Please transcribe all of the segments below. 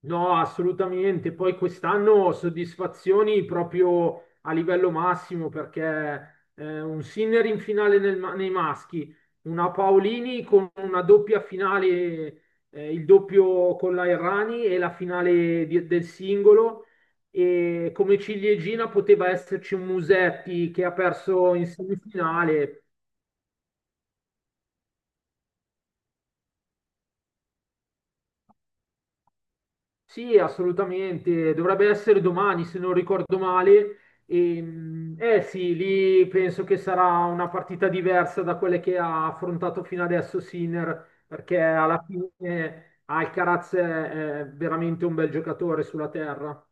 No, assolutamente. Poi quest'anno soddisfazioni proprio a livello massimo perché un Sinner in finale nei maschi, una Paolini con una doppia finale, il doppio con la Errani e la finale del singolo. E come ciliegina poteva esserci un Musetti che ha perso in semifinale. Sì, assolutamente, dovrebbe essere domani se non ricordo male. Sì, lì penso che sarà una partita diversa da quelle che ha affrontato fino adesso Sinner, perché alla fine Alcaraz è veramente un bel giocatore sulla terra.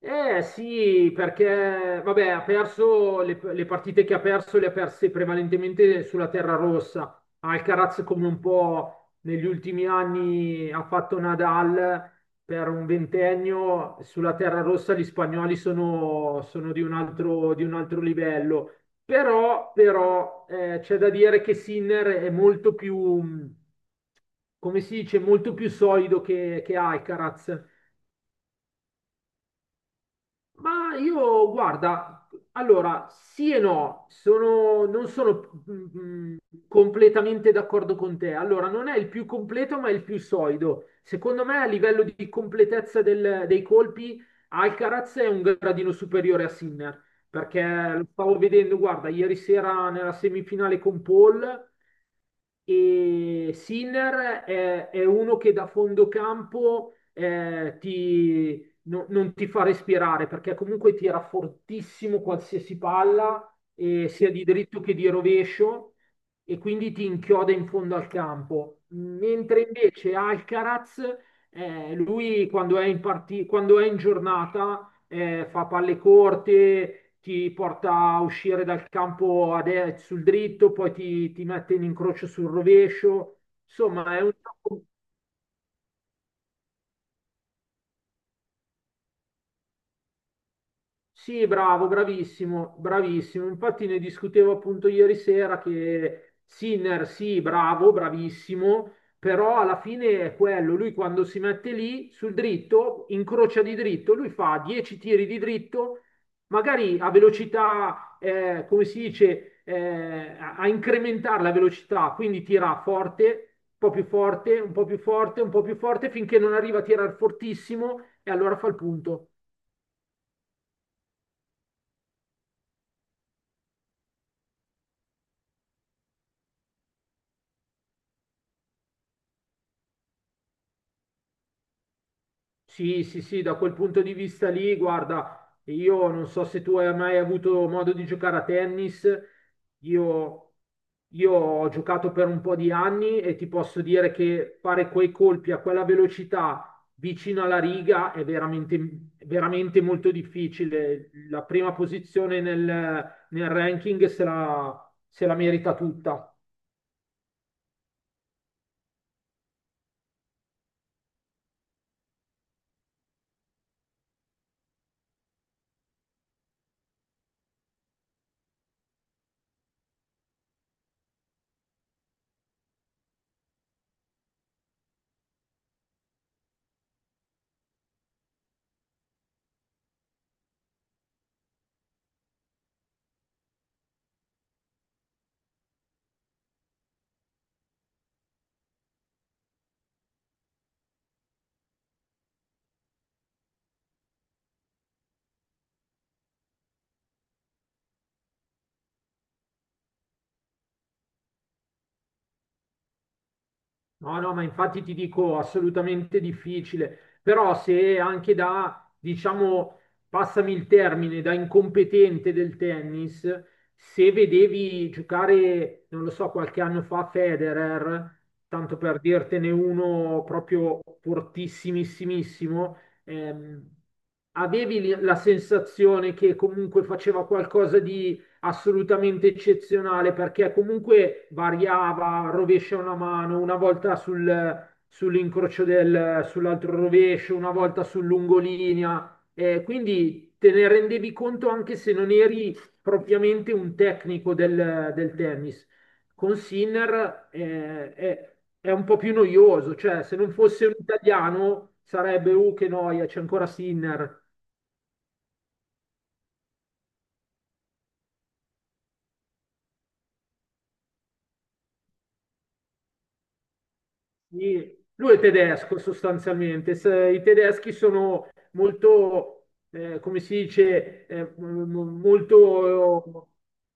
Eh sì, perché vabbè, ha perso le partite che ha perso, le ha perse prevalentemente sulla terra rossa. Alcaraz, come un po' negli ultimi anni ha fatto Nadal per un ventennio, sulla terra rossa gli spagnoli sono, sono di un altro livello. Però, c'è da dire che Sinner è molto più, come si dice, molto più solido che Alcaraz. Ma io, guarda, allora, sì e no, non sono completamente d'accordo con te. Allora, non è il più completo, ma è il più solido. Secondo me, a livello di completezza dei colpi, Alcaraz è un gradino superiore a Sinner, perché lo stavo vedendo, guarda, ieri sera nella semifinale con Paul, e Sinner è uno che da fondo campo ti, no- non ti fa respirare perché comunque tira fortissimo qualsiasi palla, sia di dritto che di rovescio, e quindi ti inchioda in fondo al campo. Mentre invece Alcaraz, lui quando è in giornata, fa palle corte, ti porta a uscire dal campo sul dritto, poi ti mette in incrocio sul rovescio. Insomma, è un gioco. Sì, bravo, bravissimo, bravissimo. Infatti ne discutevo appunto ieri sera che Sinner, sì, bravo, bravissimo, però alla fine è quello, lui quando si mette lì sul dritto, incrocia di dritto, lui fa 10 tiri di dritto, magari a velocità, come si dice, a a incrementare la velocità, quindi tira forte, un po' più forte, un po' più forte, un po' più forte, finché non arriva a tirare fortissimo e allora fa il punto. Sì, sì, sì, da quel punto di vista lì, guarda, io non so se tu hai mai avuto modo di giocare a tennis, io, io ho giocato per un po' di anni e ti posso dire che fare quei colpi a quella velocità vicino alla riga è veramente, veramente molto difficile. La prima posizione nel ranking se la merita tutta. No, no, ma infatti ti dico assolutamente difficile, però se anche da, diciamo, passami il termine, da incompetente del tennis, se vedevi giocare, non lo so, qualche anno fa Federer, tanto per dirtene uno proprio fortissimissimissimo, ehm, avevi la sensazione che comunque faceva qualcosa di assolutamente eccezionale perché comunque variava, rovescia una mano, una volta sull'incrocio del, sull'altro rovescio, una volta sul lungolinea, quindi te ne rendevi conto anche se non eri propriamente un tecnico del, del tennis. Con Sinner è un po' più noioso, cioè se non fosse un italiano sarebbe, che noia, c'è ancora Sinner. Sì, lui è tedesco sostanzialmente. I tedeschi sono molto, come si dice, molto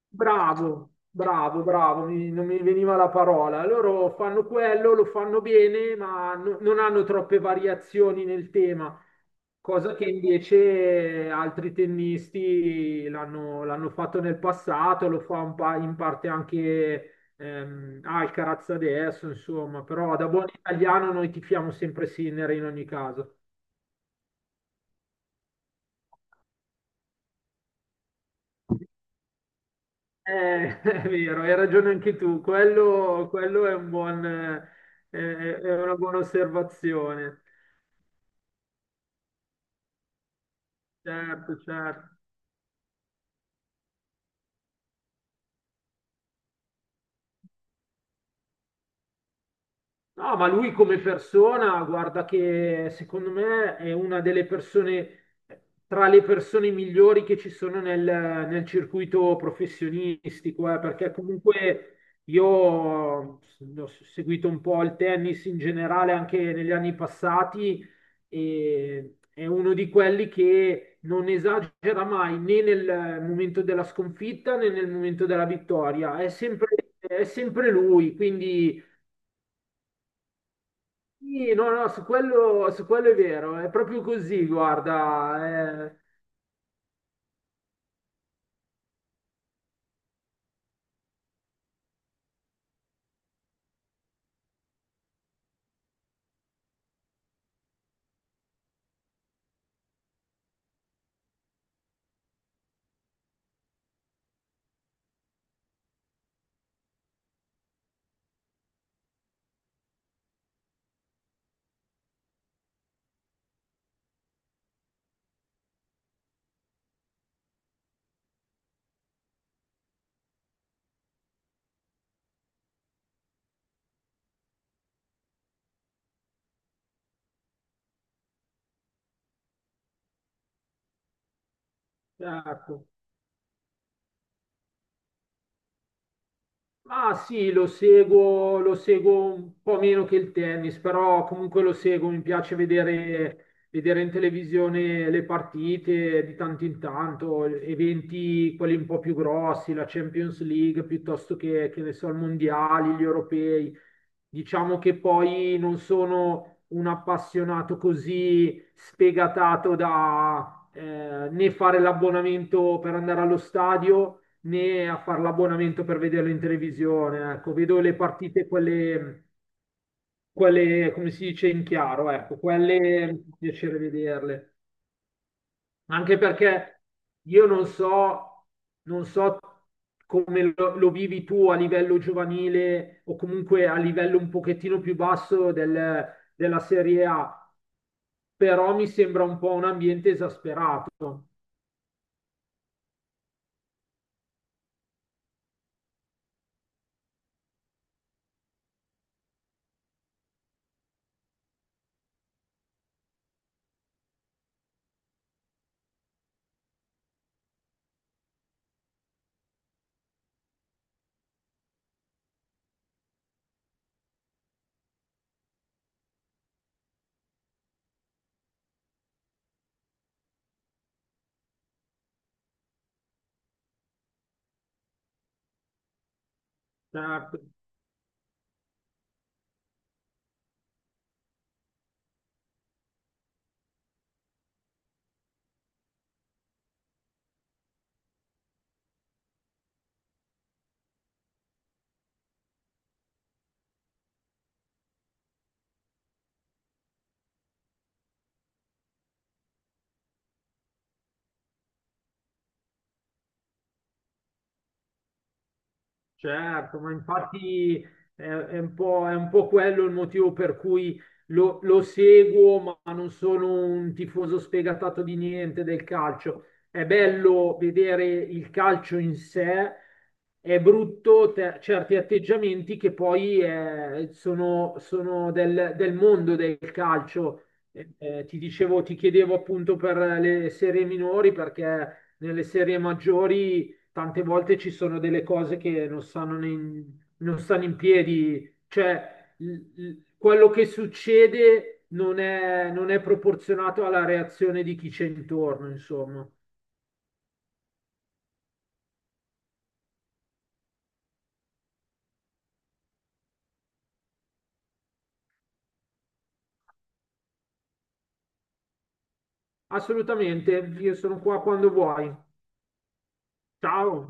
bravo, bravo, bravo, non mi veniva la parola. Loro fanno quello, lo fanno bene, ma non hanno troppe variazioni nel tema. Cosa che invece altri tennisti l'hanno fatto nel passato, lo fa in parte anche Alcaraz adesso, insomma, però da buon italiano noi tifiamo sempre Sinner in ogni caso. È vero, hai ragione anche tu, quello è un buon, è è una buona osservazione. Certo, certo. No, ma lui come persona, guarda che secondo me è una delle persone, tra le persone migliori che ci sono nel circuito professionistico, perché comunque io ho seguito un po' il tennis in generale anche negli anni passati e è uno di quelli che non esagera mai né nel momento della sconfitta né nel momento della vittoria, è sempre lui, quindi... Sì, no, no, su quello è vero, è proprio così, guarda. Eh, ecco. Ah sì, lo seguo un po' meno che il tennis, però comunque lo seguo, mi piace vedere, vedere in televisione le partite di tanto in tanto, eventi quelli un po' più grossi, la Champions League piuttosto che ne so, i mondiali, gli europei. Diciamo che poi non sono un appassionato così sfegatato da né fare l'abbonamento per andare allo stadio né a fare l'abbonamento per vederlo in televisione. Ecco, vedo le partite, quelle, come si dice, in chiaro, ecco, quelle mi fa piacere vederle. Anche perché io non so, non so come lo vivi tu a livello giovanile o comunque a livello un pochettino più basso della Serie A, però mi sembra un po' un ambiente esasperato. Cioè, certo, ma infatti è un po' quello il motivo per cui lo seguo, ma non sono un tifoso sfegatato di niente del calcio. È bello vedere il calcio in sé, è brutto certi atteggiamenti che poi sono del, del mondo del calcio. Ti dicevo, ti chiedevo appunto per le serie minori, perché nelle serie maggiori tante volte ci sono delle cose che non stanno in, non stanno in piedi, cioè quello che succede non è proporzionato alla reazione di chi c'è intorno, insomma. Assolutamente, io sono qua quando vuoi. Ciao.